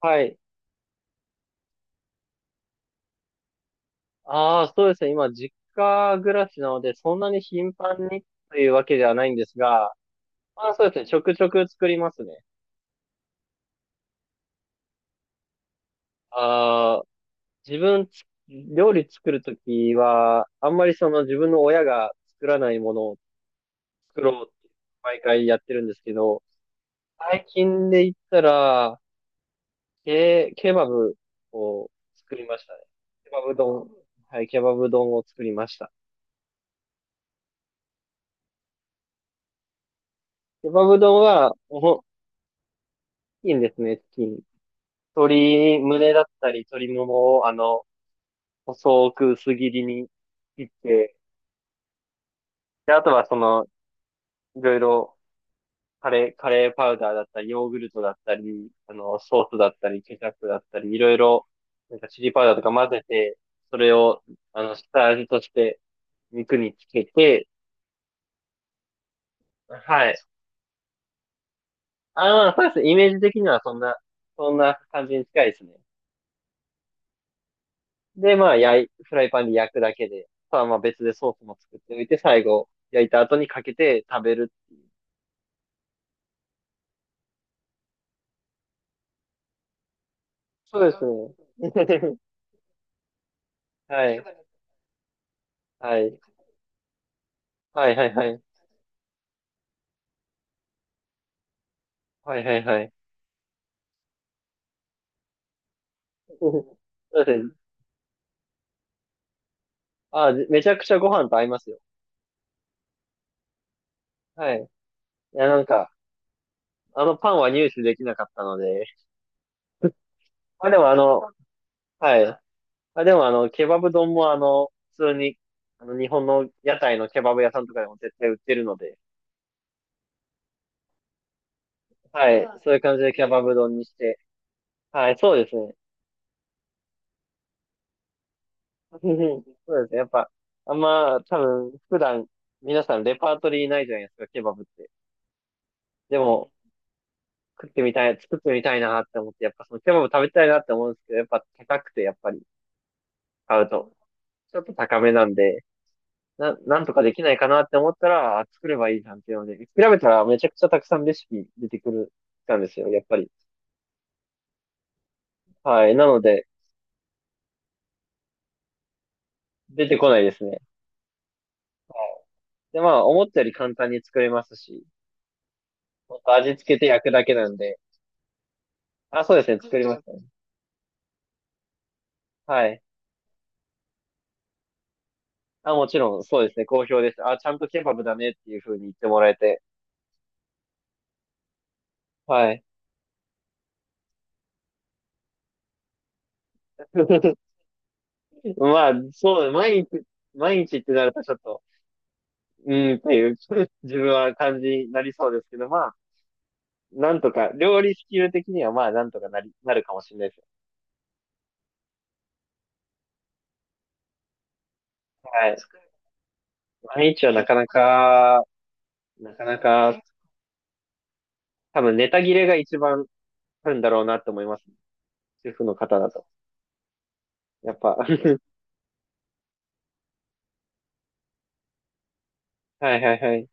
はい。そうですね。今、実家暮らしなので、そんなに頻繁にというわけではないんですが、まあそうですね。ちょくちょく作りますね。ああ、自分つ、料理作るときは、あんまり自分の親が作らないものを作ろうって毎回やってるんですけど、最近で言ったら、ケバブを作りましたね。ケバブ丼。はい、ケバブ丼を作りました。ケバブ丼は、お、チキンですね、チキン。鶏胸だったり、鶏ももを、細く薄切りに切って、で、あとはその、いろいろ、カレーパウダーだったり、ヨーグルトだったり、ソースだったり、ケチャップだったり、いろいろ、なんかチリパウダーとか混ぜて、それを、下味として肉につけて、はい。ああ、そうです。イメージ的にはそんな、そんな感じに近いですね。で、まあ、フライパンで焼くだけで、あとはまあ別でソースも作っておいて、最後、焼いた後にかけて食べる。そうですね。はい。はい。はいはいはい。はいはいはい。そうですね。あ、めちゃくちゃご飯と合いますよ。はい。いや、なんか、あのパンは入手できなかったので、まあでもあの、はい。まあでもあの、ケバブ丼も普通に、日本の屋台のケバブ屋さんとかでも絶対売ってるので、はい。そういう感じでケバブ丼にして、はい、そうですね。うんそうですね。やっぱ、あんま、多分、普段、皆さんレパートリーないじゃないですか、ケバブって。でも、食ってみたい、作ってみたいなって思って、やっぱそのケバブ食べたいなって思うんですけど、やっぱ高くて、やっぱり、買うと、ちょっと高めなんで、なんとかできないかなって思ったら、あ作ればいいじゃんっていうので、調べたらめちゃくちゃたくさんレシピ出てくる、たんですよ、やっぱり。はい。なので、出てこないですね。で、まあ、思ったより簡単に作れますし、ほんと味付けて焼くだけなんで、あ、そうですね、作りましたね。はい。あ、もちろん、そうですね。好評です。あ、ちゃんとケバブだねっていう風に言ってもらえて。はい。まあ、毎日ってなるとちょっと、うーんっていう 自分は感じになりそうですけど、まあ、なんとか、料理スキル的にはまあ、なるかもしれないですよ。はい。毎日はなかなか、なかなか、多分ネタ切れが一番あるんだろうなと思います。主婦の方だと。やっぱ。はいはいはい。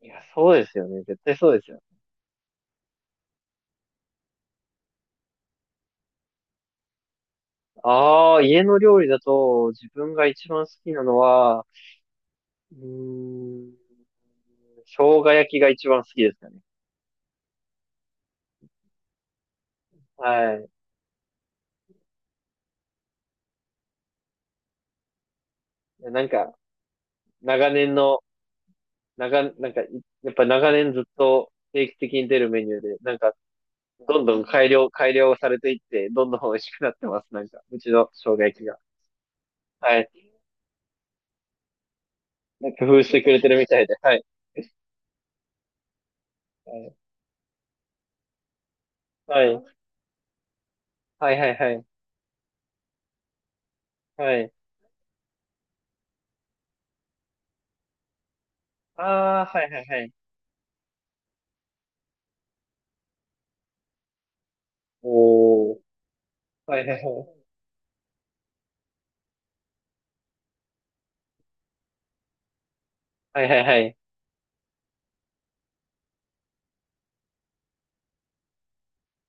いや、そうですよね。絶対そうですよね。ああ、家の料理だと自分が一番好きなのは、うーん、生姜焼きが一番好きですかね。はい。なんか、長年の、長、なんか、いやっぱ長年ずっと定期的に出るメニューで、なんか、どんどん改良、改良されていって、どんどん美味しくなってます。なんか、うちの生姜焼きが。はい。なんか工夫してくれてるみたいで。はい。はい。はいはいはい。はい。ああ、はいはいはい。おー。はいはいはい。はいはいはい。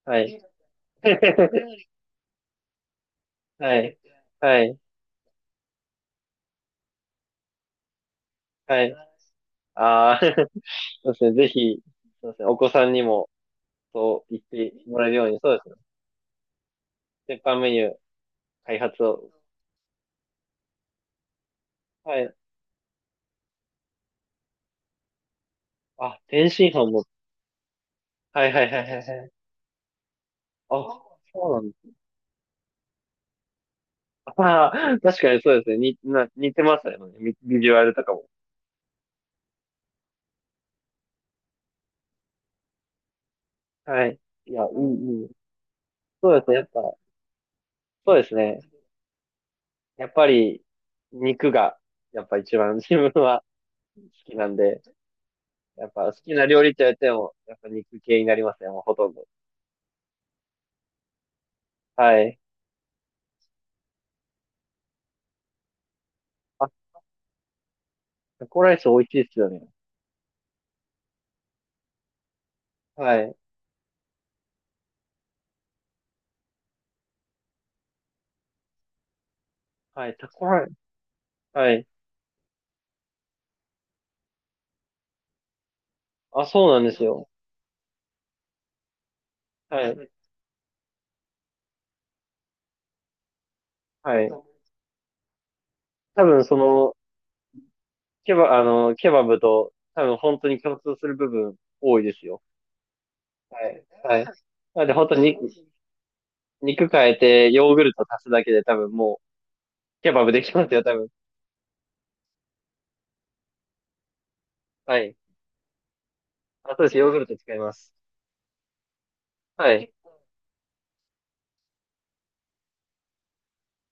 はい。はい。はい。はい。ああ、そうですね。ぜひ、そうですね。お子さんにも、そう言ってもらえるように、そうですね。鉄板メニュー開発を。はい。あ、天津飯も。はいはいはいはいはい。あ、そうなんですああ、確かにそうですね。似てますよね。ビビジュアルとかも。はい。いい。そうですね。やっぱ、そうですね。やっぱり、肉が、やっぱ一番自分は好きなんで、やっぱ好きな料理って言っても、やっぱ肉系になりますね。もうほとんど。はい。あ、タコライス美味しいですよね。はい。はい、タコライス。はい。あ、そうなんですよ。はい。はい。多分、ケバブと、多分、本当に共通する部分、多いですよ。はい。はい。なんで、本当に肉、肉変えて、ヨーグルト足すだけで、多分、ケバブできますよ、多分。はい。あ、そうです。ヨーグルト使います。はい。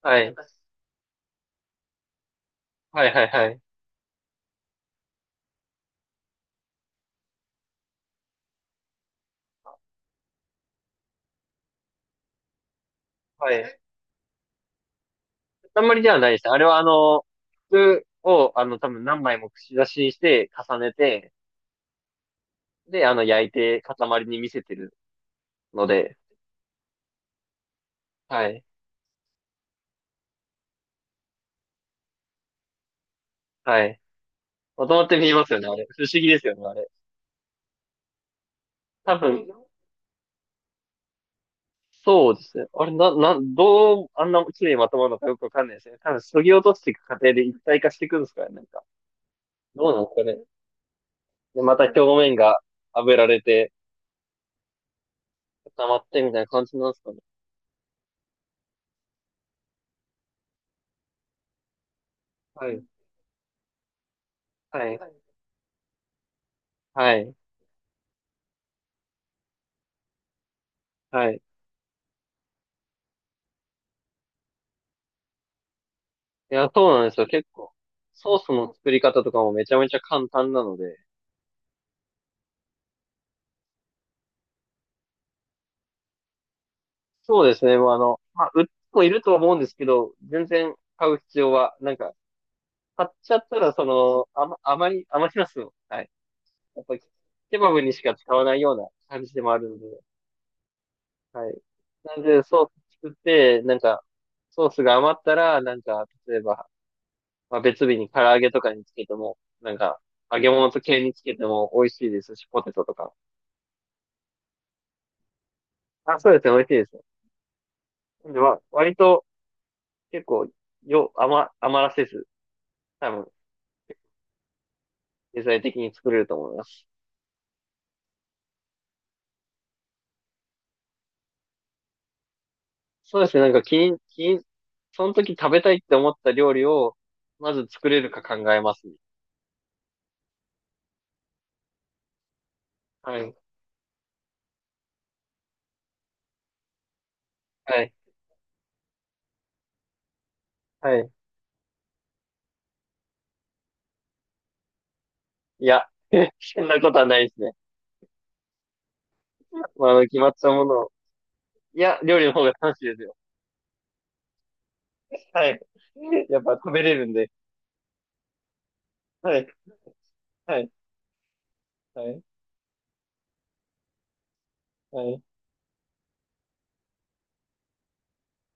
はい。はい、はい、はい。はい。あんまりではないです。あれは、あの、服を、あの、多分何枚も串刺しにして、重ねて、で、焼いて塊に見せてるので、はい。はい。まとまって見えますよね、あれ。不思議ですよね、あれ。多分、そうですね。あれ、な、な、どう、あんな綺麗にまとまるのかよくわかんないですね。多分、削ぎ落としていく過程で一体化していくんですからね、なんか。どうなんですかね。で、また表面が炙られて、固まってみたいな感じなんですかね。はい。はい。はい。はい。いや、そうなんですよ。結構、ソースの作り方とかもめちゃめちゃ簡単なので、そうですね。もうまあ、売ってもいるとは思うんですけど、全然買う必要は、なんか、買っちゃったら、その、あまり、余りますよ。はい。やっぱり、ケバブにしか使わないような感じでもあるので、はい。なんで、ソース作って、なんか、ソースが余ったら、なんか、例えば、まあ、別日に唐揚げとかにつけても、なんか、揚げ物と系につけても美味しいですし、ポテトとか。あ、そうですね、美味しいですね。なんで、まあ、割と、結構、余らせず、多分、経済的に作れると思います。そうですね、気に、その時食べたいって思った料理を、まず作れるか考えますね。はい、はい、はい。いや、そんなことはないですね。まあ、あの、決まったものを。いや、料理の方が楽しいですよ。はい。やっぱ食べれるんで。はい、はい、はい、はい。